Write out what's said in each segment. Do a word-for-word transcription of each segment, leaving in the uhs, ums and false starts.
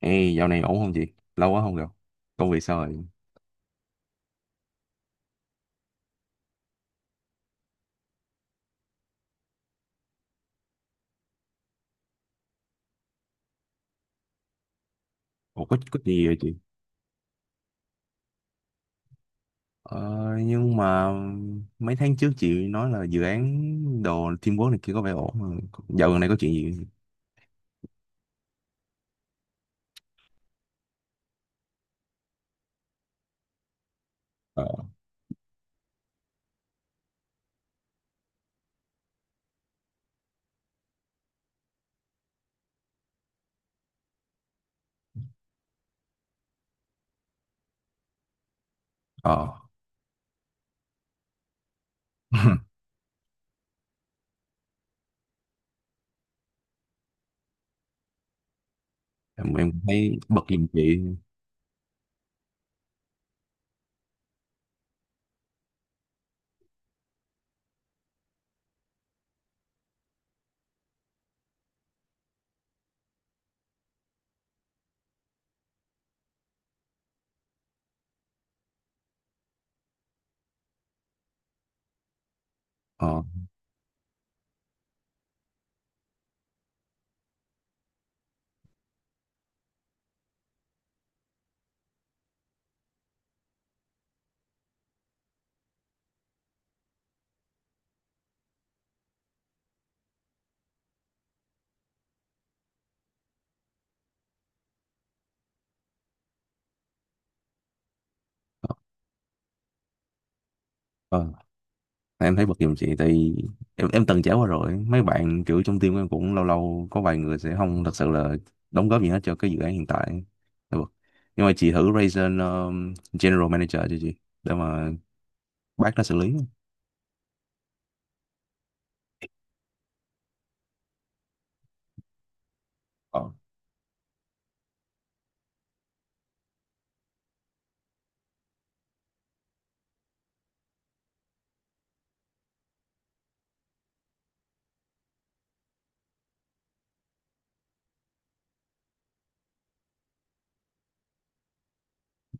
Ê, dạo này ổn không chị? Lâu quá không gặp. Công việc sao rồi? Ủa, có, có gì vậy chị? Ờ, nhưng mà mấy tháng trước chị nói là dự án đồ teamwork này kia có vẻ ổn mà. Dạo gần đây có chuyện gì vậy? Ờ. Ờ. Em, em thấy bật giùm chị. Ờ. Ờ. Em thấy bật giùm chị tại vì em, em từng trải qua rồi. Mấy bạn kiểu trong team em cũng lâu lâu có vài người sẽ không thật sự là đóng góp gì hết cho cái dự án hiện tại. Em bật. Nhưng mà chị thử raise an, um, general manager cho chị để mà bác nó xử lý không? Ờ.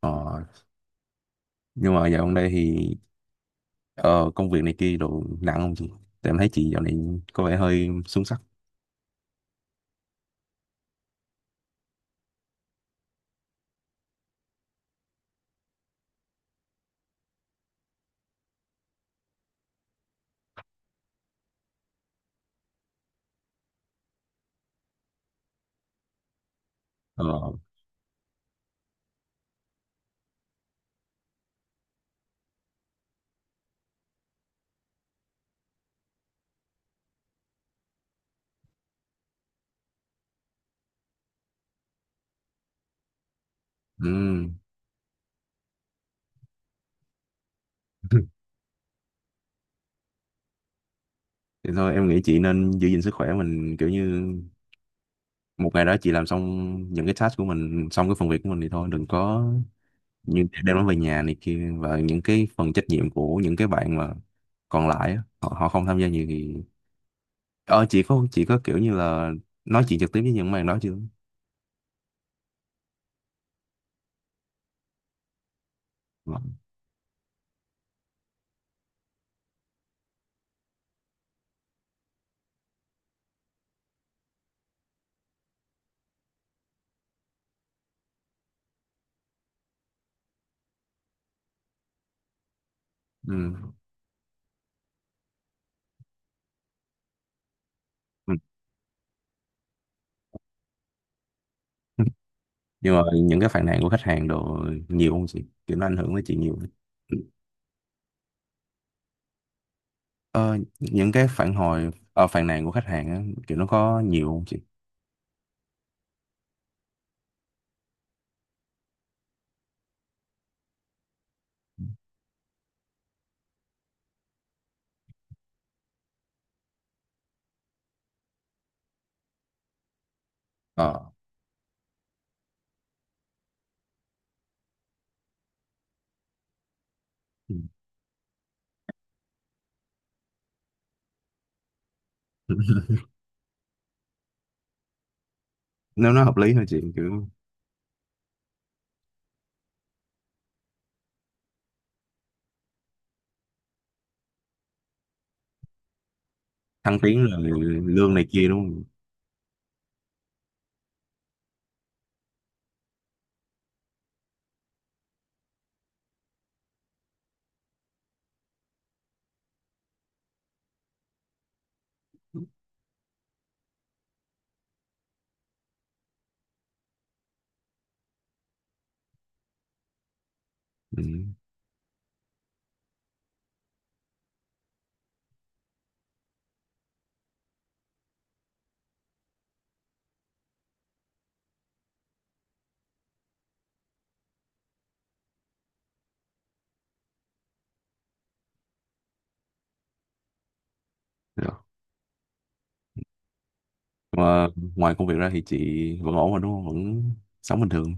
Ờ. Nhưng mà dạo gần đây thì ờ, công việc này kia đồ nặng không chị? Tại em thấy chị dạo này có vẻ hơi xuống sắc. Ờ. Ừm. Thì thôi em nghĩ chị nên giữ gìn sức khỏe mình, kiểu như một ngày đó chị làm xong những cái task của mình, xong cái phần việc của mình thì thôi đừng có như đem nó về nhà này kia. Và những cái phần trách nhiệm của những cái bạn mà còn lại á, họ, họ không tham gia nhiều thì ờ chị có chị có kiểu như là nói chuyện trực tiếp với những bạn đó chưa? Ờ. Ừ. Ừ. Nhưng mà những cái phàn nàn của khách hàng đồ nhiều không chị, kiểu nó ảnh hưởng tới chị nhiều không? Ờ, những cái phản hồi ờ, phàn nàn của khách hàng á, kiểu nó có nhiều không chị? Ờ. Ừ. Nếu nó hợp lý thôi chị, kiểu thăng tiến là lương này kia đúng không? Ừ. Rồi. Mà ngoài công việc ra thì chị vẫn ổn mà, đúng không? Vẫn sống bình thường.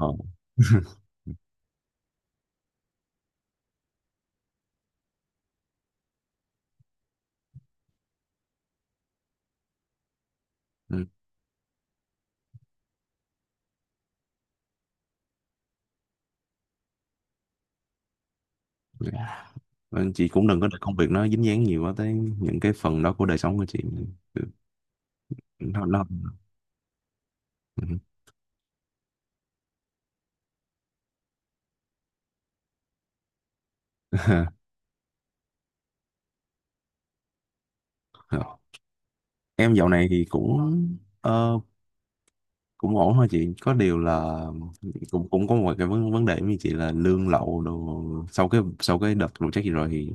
Ờ. Ừ. Vâng, chị cũng đừng có để công việc nó dính dáng nhiều quá tới những cái phần đó của đời sống của chị, nó nó. Ừ. Em dạo này thì cũng ờ, cũng ổn thôi chị, có điều là cũng cũng có một cái vấn vấn đề như chị là lương lậu đồ. Sau cái sau cái đợt vụ trách gì rồi thì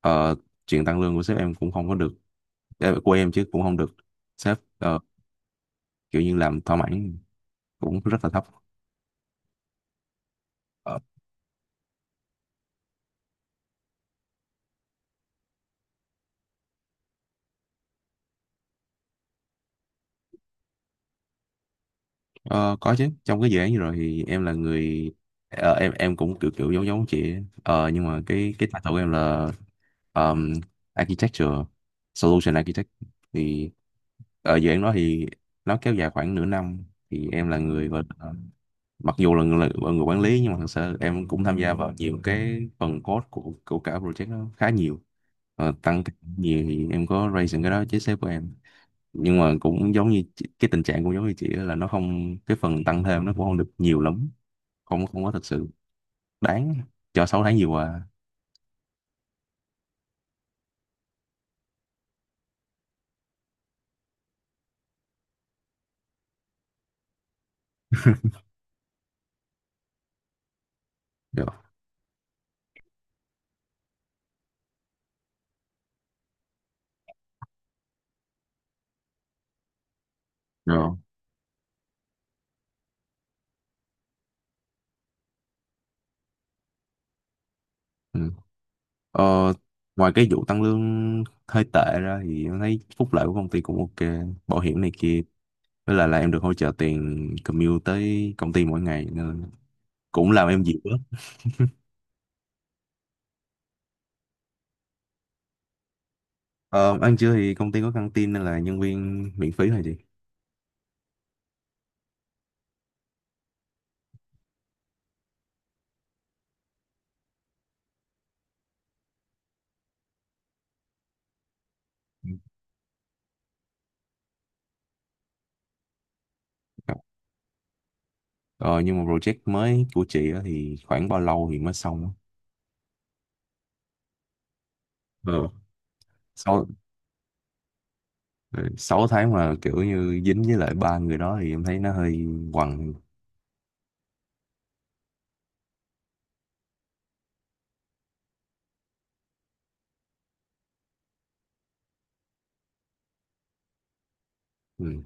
ờ, chuyện tăng lương của sếp em cũng không có được, ờ, của em chứ, cũng không được sếp ờ, kiểu như làm thỏa mãn, cũng rất là thấp. Ờ, có chứ, trong cái dự án vừa rồi thì em là người ờ, em em cũng kiểu kiểu giống giống chị ấy. ờ, nhưng mà cái cái title của em là um, Architecture Solution Architect. Thì ở dự án đó thì nó kéo dài khoảng nửa năm, thì em là người, và ờ, mặc dù là người, là người quản lý, nhưng mà thực sự em cũng tham gia vào nhiều cái phần code của của cả project nó khá nhiều. Ờ, tăng nhiều thì em có raise những cái đó với sếp của em, nhưng mà cũng giống như chị- cái tình trạng cũng giống như chị, đó là nó không, cái phần tăng thêm nó cũng không được nhiều lắm, không không có thật sự đáng cho sáu tháng vừa qua. Được rồi. Ừ. ờ, Ngoài cái vụ tăng lương hơi tệ ra thì em thấy phúc lợi của công ty cũng ok, bảo hiểm này kia, với lại là em được hỗ trợ tiền commute tới công ty mỗi ngày nên cũng làm em dịu lắm. ờ, Ăn trưa thì công ty có căng tin nên là nhân viên miễn phí thôi chị. Ừ. Ờ, nhưng mà project mới của chị á thì khoảng bao lâu thì mới xong á? Ờ. sáu ừ, sáu tháng mà kiểu như dính với lại ba người đó thì em thấy nó hơi quằn. Ừ.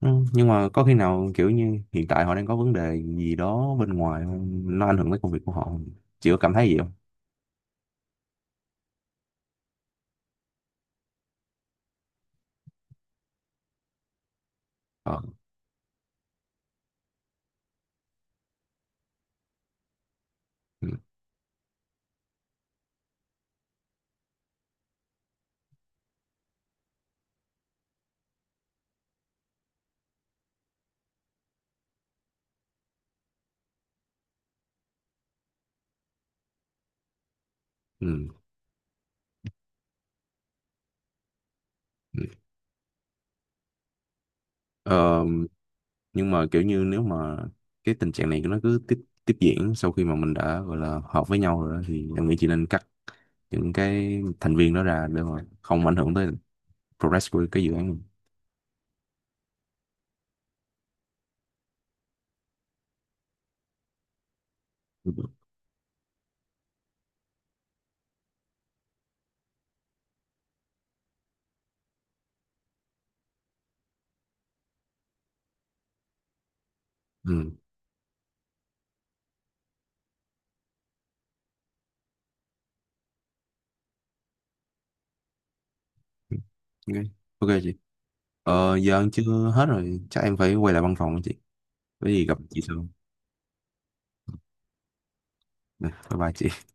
Ừ, nhưng mà có khi nào kiểu như hiện tại họ đang có vấn đề gì đó bên ngoài không, nó ảnh hưởng tới công việc của họ không, chị có cảm thấy gì không? Ờ. Ừ. Ừ. Ừ. Ờ, nhưng mà kiểu như nếu mà cái tình trạng này nó cứ tiếp tiếp diễn sau khi mà mình đã gọi là họp với nhau rồi đó, thì em nghĩ chị nên cắt những cái thành viên đó ra để mà không ảnh hưởng tới progress của cái dự án. Ừ. Ừ. Ok. Ok chị. Ờ, giờ ăn chưa hết rồi, chắc em phải quay lại văn phòng chị. Có gì gặp chị sau. Nè, bye bye chị.